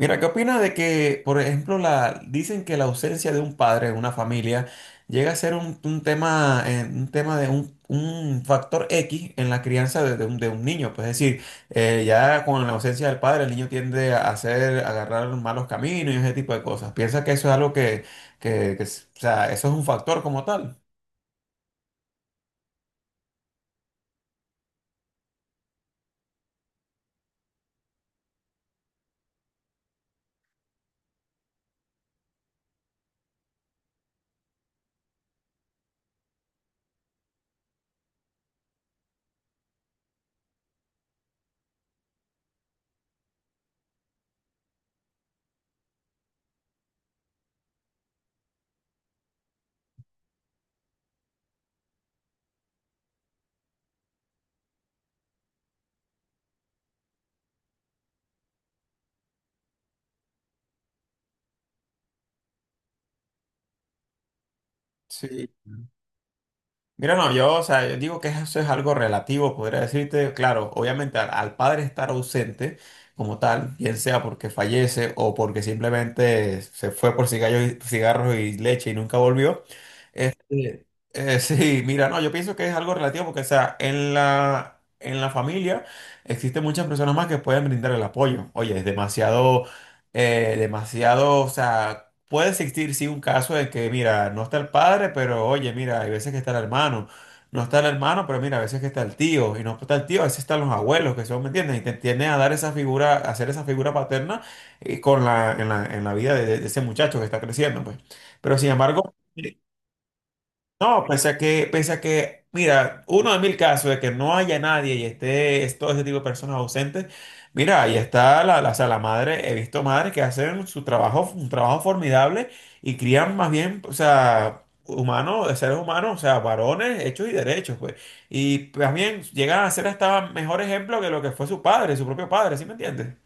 Mira, ¿qué opinas de que, por ejemplo, dicen que la ausencia de un padre en una familia llega a ser un tema de un factor X en la crianza de de un niño? Pues es decir, ya con la ausencia del padre, el niño tiende a agarrar malos caminos y ese tipo de cosas. ¿Piensa que eso es algo que o sea, eso es un factor como tal? Sí, mira, no, yo, o sea, yo digo que eso es algo relativo, podría decirte, claro, obviamente al padre estar ausente como tal, bien sea porque fallece o porque simplemente se fue por cigarros y leche y nunca volvió, eh, sí, mira, no, yo pienso que es algo relativo porque, o sea, en en la familia existen muchas personas más que pueden brindar el apoyo. Oye, es demasiado, demasiado, o sea, puede existir, sí, un caso de que, mira, no está el padre, pero oye, mira, hay veces que está el hermano. No está el hermano, pero mira, a veces que está el tío. Y no está el tío, a veces están los abuelos, que son, ¿me entiendes? Y te tienden a dar esa figura, a hacer esa figura paterna con en la vida de ese muchacho que está creciendo, pues. Pero sin embargo... No, pese a que, mira, uno de mil casos de que no haya nadie y esté es todo ese tipo de personas ausentes, mira, ahí está o sea, la madre, he visto madres que hacen su trabajo, un trabajo formidable y crían más bien, o sea, humanos, seres humanos, o sea, varones hechos y derechos, pues. Y también llegan a ser hasta mejor ejemplo que lo que fue su padre, su propio padre, ¿sí me entiendes?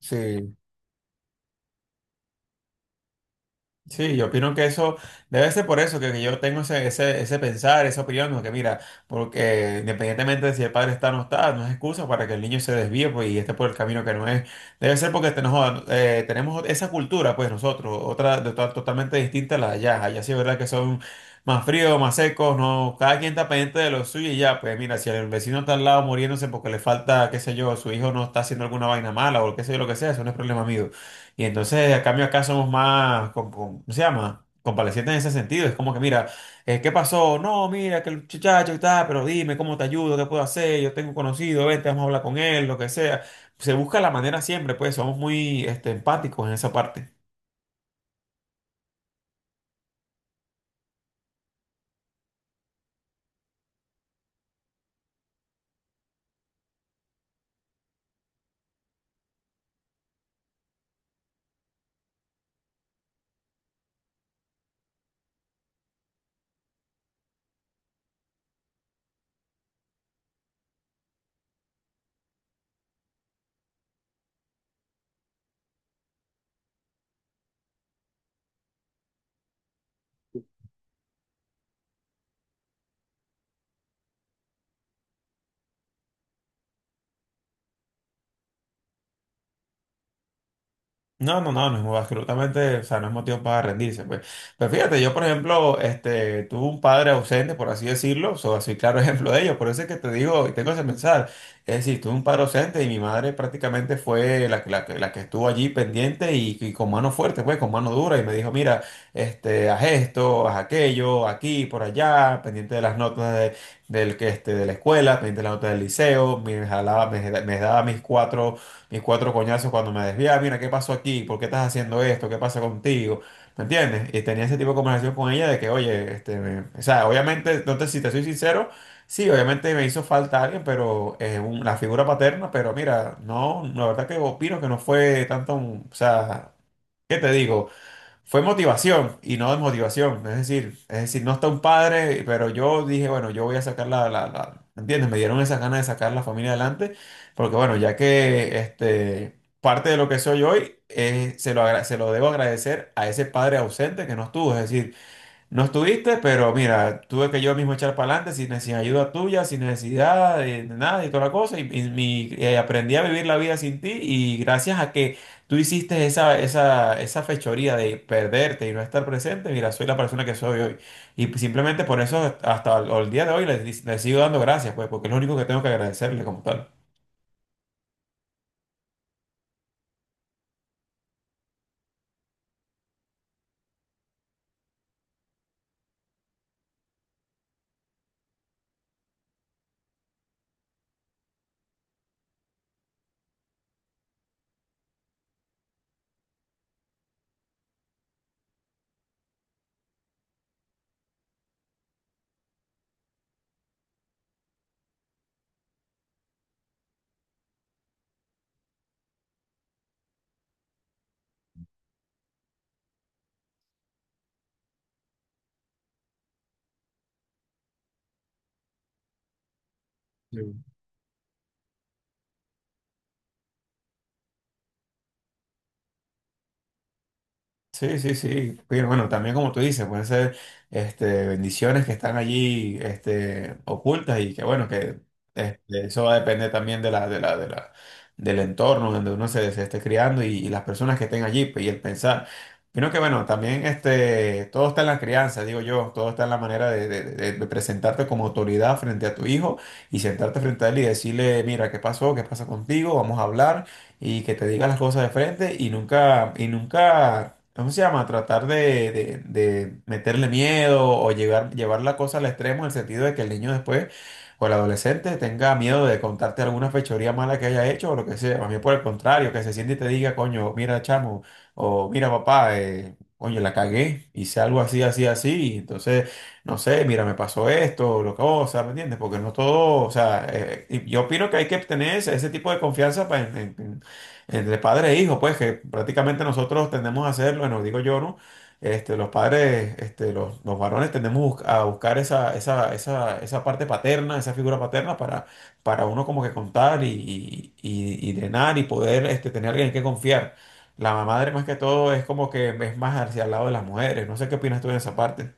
Sí, sí, yo opino que eso debe ser por eso que yo tengo ese pensar, esa opinión, ¿no? Que mira, porque independientemente de si el padre está o no está, no es excusa para que el niño se desvíe pues, y esté por el camino que no es. Debe ser porque tenemos, tenemos esa cultura, pues nosotros, otra de totalmente distinta a la de allá. Allá sí es verdad que son más fríos, más secos, no, cada quien está pendiente de lo suyo y ya, pues mira, si el vecino está al lado muriéndose porque le falta, qué sé yo, su hijo no está haciendo alguna vaina mala o qué sé yo, lo que sea, eso no es problema mío. Y entonces, a cambio, acá somos más, ¿cómo se llama? Compadecientes en ese sentido. Es como que, mira, ¿qué pasó? No, mira, que el muchacho está, pero dime, ¿cómo te ayudo? ¿Qué puedo hacer? Yo tengo un conocido, vente, vamos a hablar con él, lo que sea. Se busca la manera siempre, pues somos muy este, empáticos en esa parte. No, no, no, no, absolutamente, o sea, no es motivo para rendirse, pues. Pues fíjate, yo, por ejemplo, este, tuve un padre ausente, por así decirlo, o sea, soy claro ejemplo de ello, por eso es que te digo, y tengo ese pensar, es decir, tuve un padre ausente y mi madre prácticamente fue la que estuvo allí pendiente y con mano fuerte, pues, con mano dura, y me dijo, mira, este, haz esto, haz aquello, aquí, por allá, pendiente de las notas este, de la escuela, pendiente de las notas del liceo, me jalaba, me daba mis cuatro coñazos cuando me desviaba, mira, ¿qué pasó aquí? ¿Por qué estás haciendo esto? ¿Qué pasa contigo? ¿Me entiendes? Y tenía ese tipo de conversación con ella de que, oye, este, o sea, obviamente, entonces, si te soy sincero, sí, obviamente me hizo falta alguien, pero la figura paterna, pero mira, no, la verdad que opino que no fue tanto, o sea, ¿qué te digo? Fue motivación y no desmotivación. Es decir, no está un padre, pero yo dije, bueno, yo voy a sacar ¿entiendes? Me dieron esas ganas de sacar la familia adelante, porque bueno, ya que este, parte de lo que soy hoy, se lo, se lo debo agradecer a ese padre ausente que no estuvo. Es decir, no estuviste, pero mira, tuve que yo mismo echar para adelante sin ayuda tuya, sin necesidad de, nada y toda la cosa. Aprendí a vivir la vida sin ti y gracias a que tú hiciste esa fechoría de perderte y no estar presente, mira, soy la persona que soy hoy. Y simplemente por eso hasta el día de hoy le sigo dando gracias, pues, porque es lo único que tengo que agradecerle como tal. Sí, sí, sí. Pero bueno, también como tú dices, pueden ser este, bendiciones que están allí este, ocultas y que bueno, que este, eso va a depender también de la, del entorno donde uno se esté criando y las personas que estén allí pues, y el pensar. Sino que bueno, también este, todo está en la crianza, digo yo, todo está en la manera de presentarte como autoridad frente a tu hijo y sentarte frente a él y decirle, mira, ¿qué pasó? ¿Qué pasa contigo? Vamos a hablar y que te diga las cosas de frente y nunca ¿cómo se llama? Tratar de meterle miedo o llevar la cosa al extremo en el sentido de que el niño después o el adolescente tenga miedo de contarte alguna fechoría mala que haya hecho o lo que sea. A mí por el contrario, que se siente y te diga, coño, mira chamo o mira papá, coño, la cagué, hice algo así, así, así. Y entonces, no sé, mira, me pasó esto, lo que cosa, ¿me entiendes? Porque no todo, o sea, y yo opino que hay que tener ese tipo de confianza para entre padre e hijo, pues que prácticamente nosotros tendemos a hacerlo, bueno, digo yo, ¿no? Este, los padres, este, los varones tendemos a buscar esa parte paterna, esa figura paterna para uno como que contar y drenar y poder este, tener alguien en que confiar. La madre más que todo es como que es más hacia el lado de las mujeres. No sé qué opinas tú en esa parte.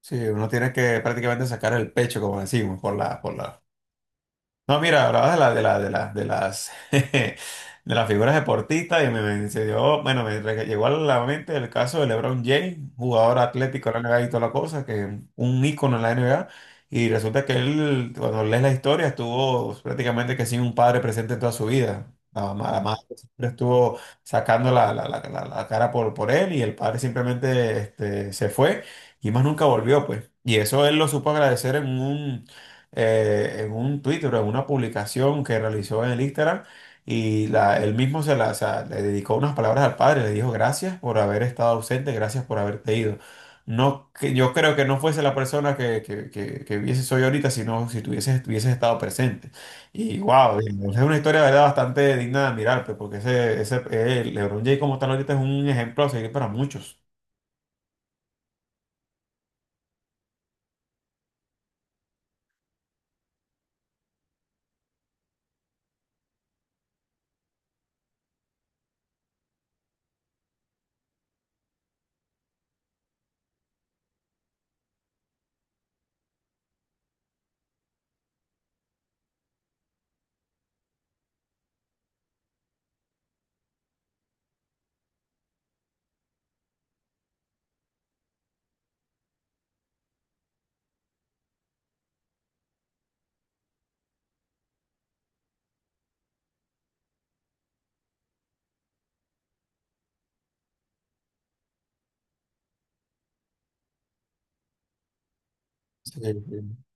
Sí, uno tiene que prácticamente sacar el pecho, como decimos, por no, mira, hablabas de las, de las figuras deportistas y bueno, llegó a la mente el caso de LeBron James, jugador atlético de la NBA y toda la cosa, que un ícono en la NBA, y resulta que él, cuando lees la historia, estuvo prácticamente que sin un padre presente en toda su vida. La madre siempre estuvo sacando la cara por él y el padre simplemente este, se fue y más nunca volvió, pues. Y eso él lo supo agradecer en un Twitter o en una publicación que realizó en el Instagram y él mismo o sea, le dedicó unas palabras al padre, le dijo gracias por haber estado ausente, gracias por haberte ido. No, que yo creo que no fuese la persona que hubiese soy ahorita, sino si tuvieses, hubieses estado presente. Y wow, es una historia de verdad bastante digna de admirar, pues, porque ese LeBron James como tal ahorita es un ejemplo a seguir para muchos. Sí. Sí.